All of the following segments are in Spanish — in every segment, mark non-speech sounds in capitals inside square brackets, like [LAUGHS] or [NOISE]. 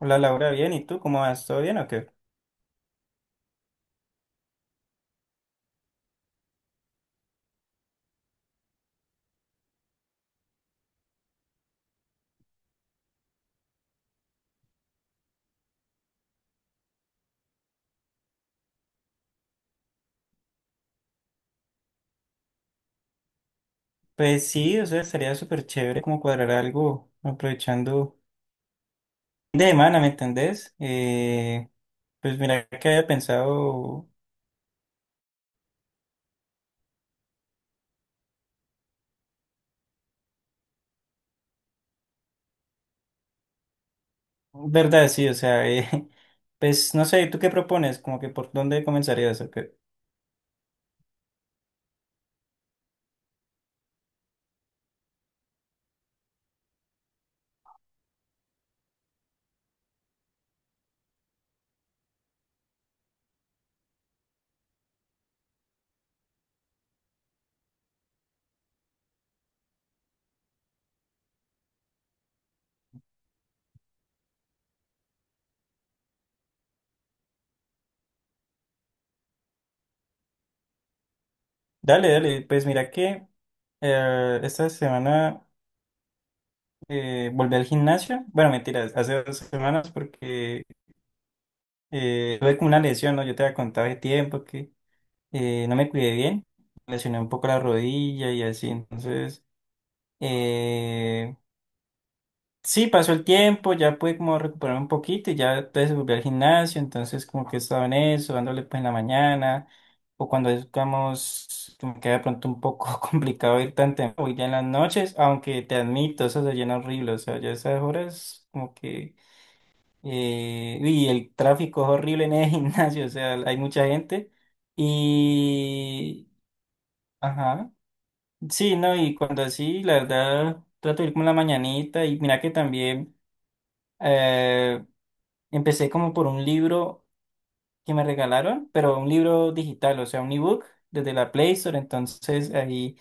Hola Laura, bien, ¿y tú cómo vas? ¿Todo bien o qué? Pues sí, o sea, sería súper chévere como cuadrar algo aprovechando de semana, ¿me entendés? Pues mira que había pensado, verdad, sí, o sea, [LAUGHS] pues no sé, ¿tú qué propones? ¿Como que por dónde comenzarías o qué? Dale, dale, pues mira que esta semana volví al gimnasio. Bueno, mentira, hace 2 semanas, porque tuve como una lesión, ¿no? Yo te había contado de tiempo que no me cuidé bien, lesioné un poco la rodilla y así. Entonces, eh, sí, pasó el tiempo, ya pude como recuperarme un poquito y ya entonces volví al gimnasio. Entonces, como que estaba en eso, dándole pues en la mañana, o cuando es, digamos, como que de pronto un poco [LAUGHS] complicado ir tan temprano, voy ya en las noches, aunque te admito, eso se llena horrible, o sea, ya esas horas como que, y el tráfico es horrible en el [LAUGHS] gimnasio, o sea, hay mucha gente y... Ajá. Sí, no, y cuando así, la verdad, trato de ir como en la mañanita. Y mira que también eh, empecé como por un libro que me regalaron, pero un libro digital, o sea, un ebook desde la Play Store. Entonces ahí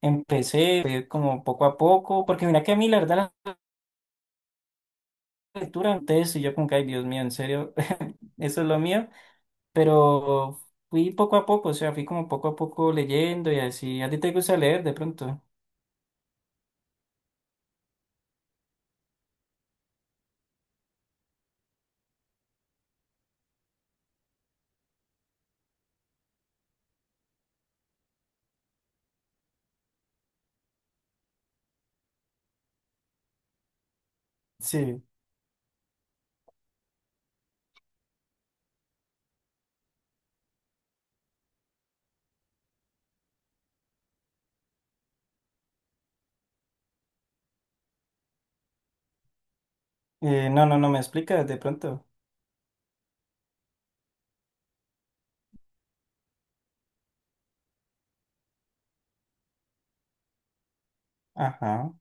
empecé fue como poco a poco, porque mira que a mí la verdad la lectura, ustedes y yo como que, ay Dios mío, en serio, [LAUGHS] eso es lo mío, pero fui poco a poco, o sea, fui como poco a poco leyendo y así. ¿A ti te gusta leer de pronto? Sí. No, no, no me explicas de pronto. Ajá.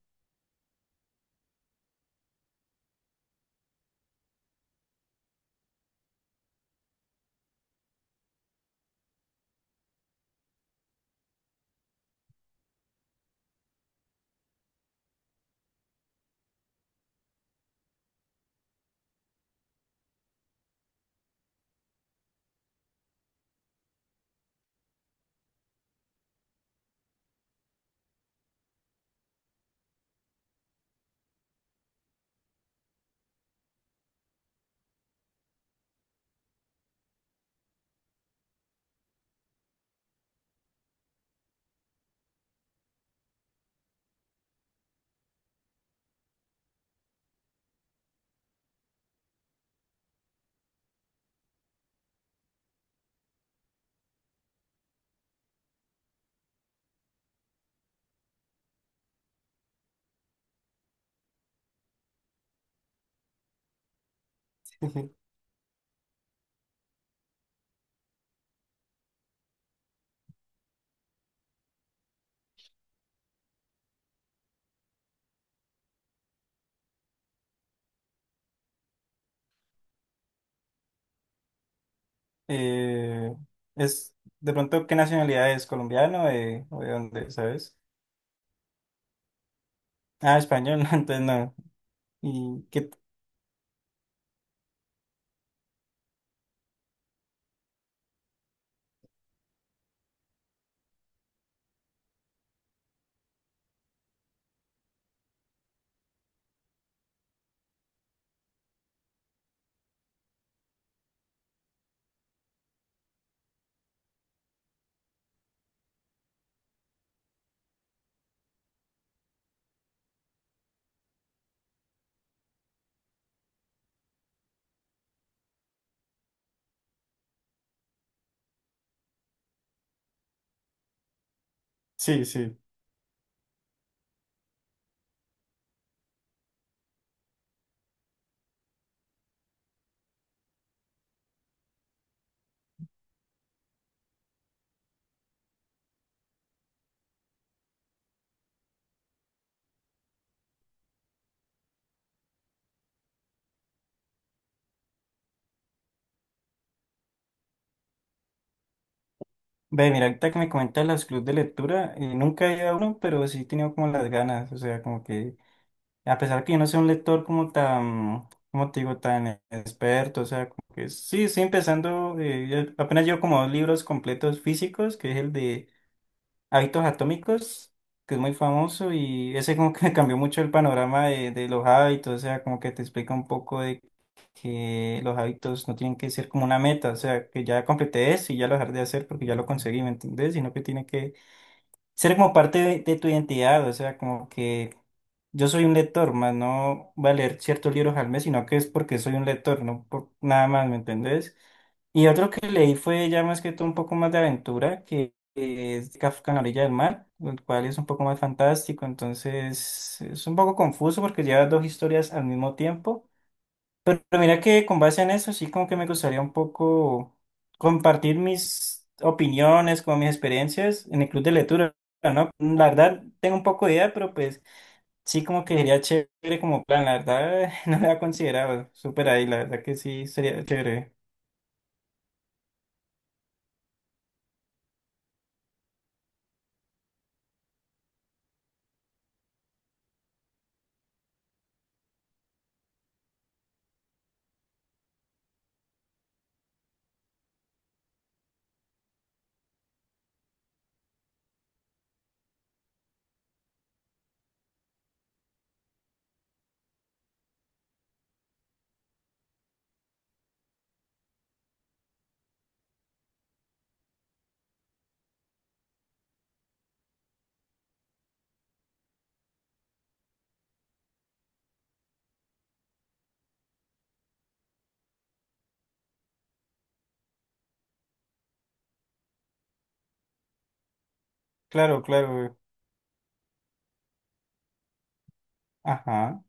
Ujú. Eh, es de pronto qué nacionalidad es, ¿colombiano o de dónde, sabes? Ah, español, [LAUGHS] no, entonces no. Y qué, sí, sí. Ve, mira, ahorita que me comentas los clubes de lectura, nunca he ido a uno, pero sí he tenido como las ganas. O sea, como que, a pesar que yo no soy un lector como tan, como te digo, tan experto, o sea, como que sí, sí empezando, ya- apenas llevo como dos libros completos físicos, que es el de Hábitos Atómicos, que es muy famoso, y ese como que [LAUGHS] me cambió mucho el panorama de los hábitos. O sea, como que te explica un poco de que los hábitos no tienen que ser como una meta, o sea, que ya completé eso y ya lo dejar de hacer porque ya lo conseguí, ¿me entendés? Sino que tiene que ser como parte de tu identidad. O sea, como que yo soy un lector, más no voy a leer ciertos libros al mes, sino que es porque soy un lector, no por nada más, ¿me entendés? Y otro que leí fue ya más que todo un poco más de aventura, que es Kafka en la orilla del mar, el cual es un poco más fantástico, entonces es un poco confuso porque lleva dos historias al mismo tiempo. Pero mira que con base en eso sí como que me gustaría un poco compartir mis opiniones, como mis experiencias en el club de lectura, ¿no? La verdad tengo un poco de idea, pero pues sí, como que sería chévere como plan. La verdad [LAUGHS] no lo había considerado, súper ahí, la verdad que sí sería chévere. Claro, claro. Ajá,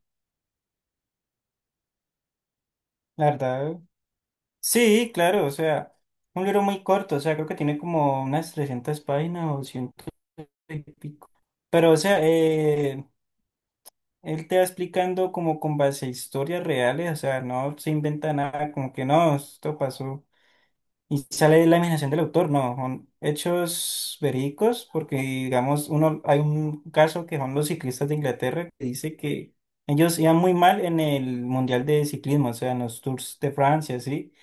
la verdad. Sí, claro, o sea, un libro muy corto, o sea, creo que tiene como unas 300 páginas o ciento y pico. Pero, o sea, él te va explicando como con base a historias reales, o sea, no se inventa nada, como que no, esto pasó. Y sale la imaginación del autor, no, son hechos verídicos. Porque digamos, uno, hay un caso que son los ciclistas de Inglaterra, que dice que ellos iban muy mal en el Mundial de Ciclismo, o sea, en los Tours de Francia, ¿sí?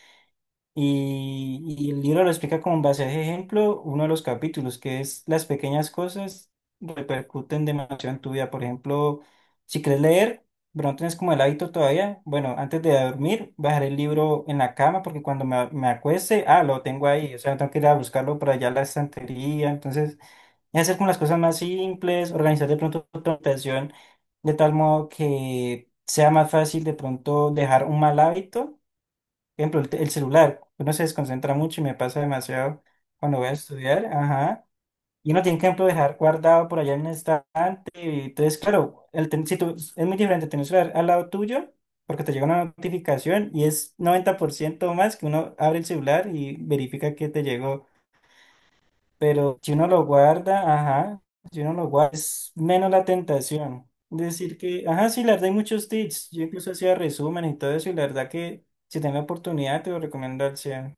Y el libro lo explica con base a ese ejemplo, uno de los capítulos, que es las pequeñas cosas repercuten demasiado en tu vida. Por ejemplo, si quieres leer, pero no tienes como el hábito todavía, bueno, antes de dormir, bajar el libro en la cama, porque cuando me acueste, ah, lo tengo ahí, o sea, no tengo que ir a buscarlo por allá a la estantería. Entonces, es hacer como las cosas más simples, organizar de pronto tu habitación de tal modo que sea más fácil de pronto dejar un mal hábito. Ejemplo, el, te- el celular, uno se desconcentra mucho y me pasa demasiado cuando voy a estudiar, ajá, y uno tiene que, por ejemplo, dejar guardado por allá en el estante. Y entonces, claro, el ten- si tú- es muy diferente tener el celular al lado tuyo, porque te llega una notificación y es 90% más que uno abre el celular y verifica que te llegó. Pero si uno lo guarda, ajá, si uno lo guarda, es menos la tentación. Decir que, ajá, sí, la verdad hay muchos tips. Yo incluso hacía resumen y todo eso, y la verdad que si tengo oportunidad te lo recomiendo al 100.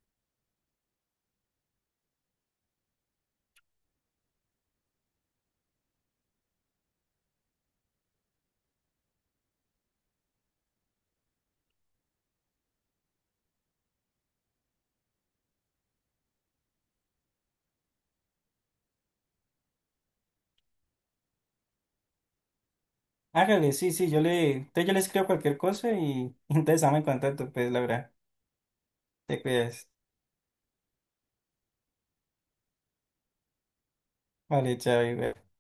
Hágale, sí, sí, yo le, entonces yo le escribo cualquier cosa y [LAUGHS] entonces estamos en contacto. Pues, Laura, te cuidas. Vale, chao. Y-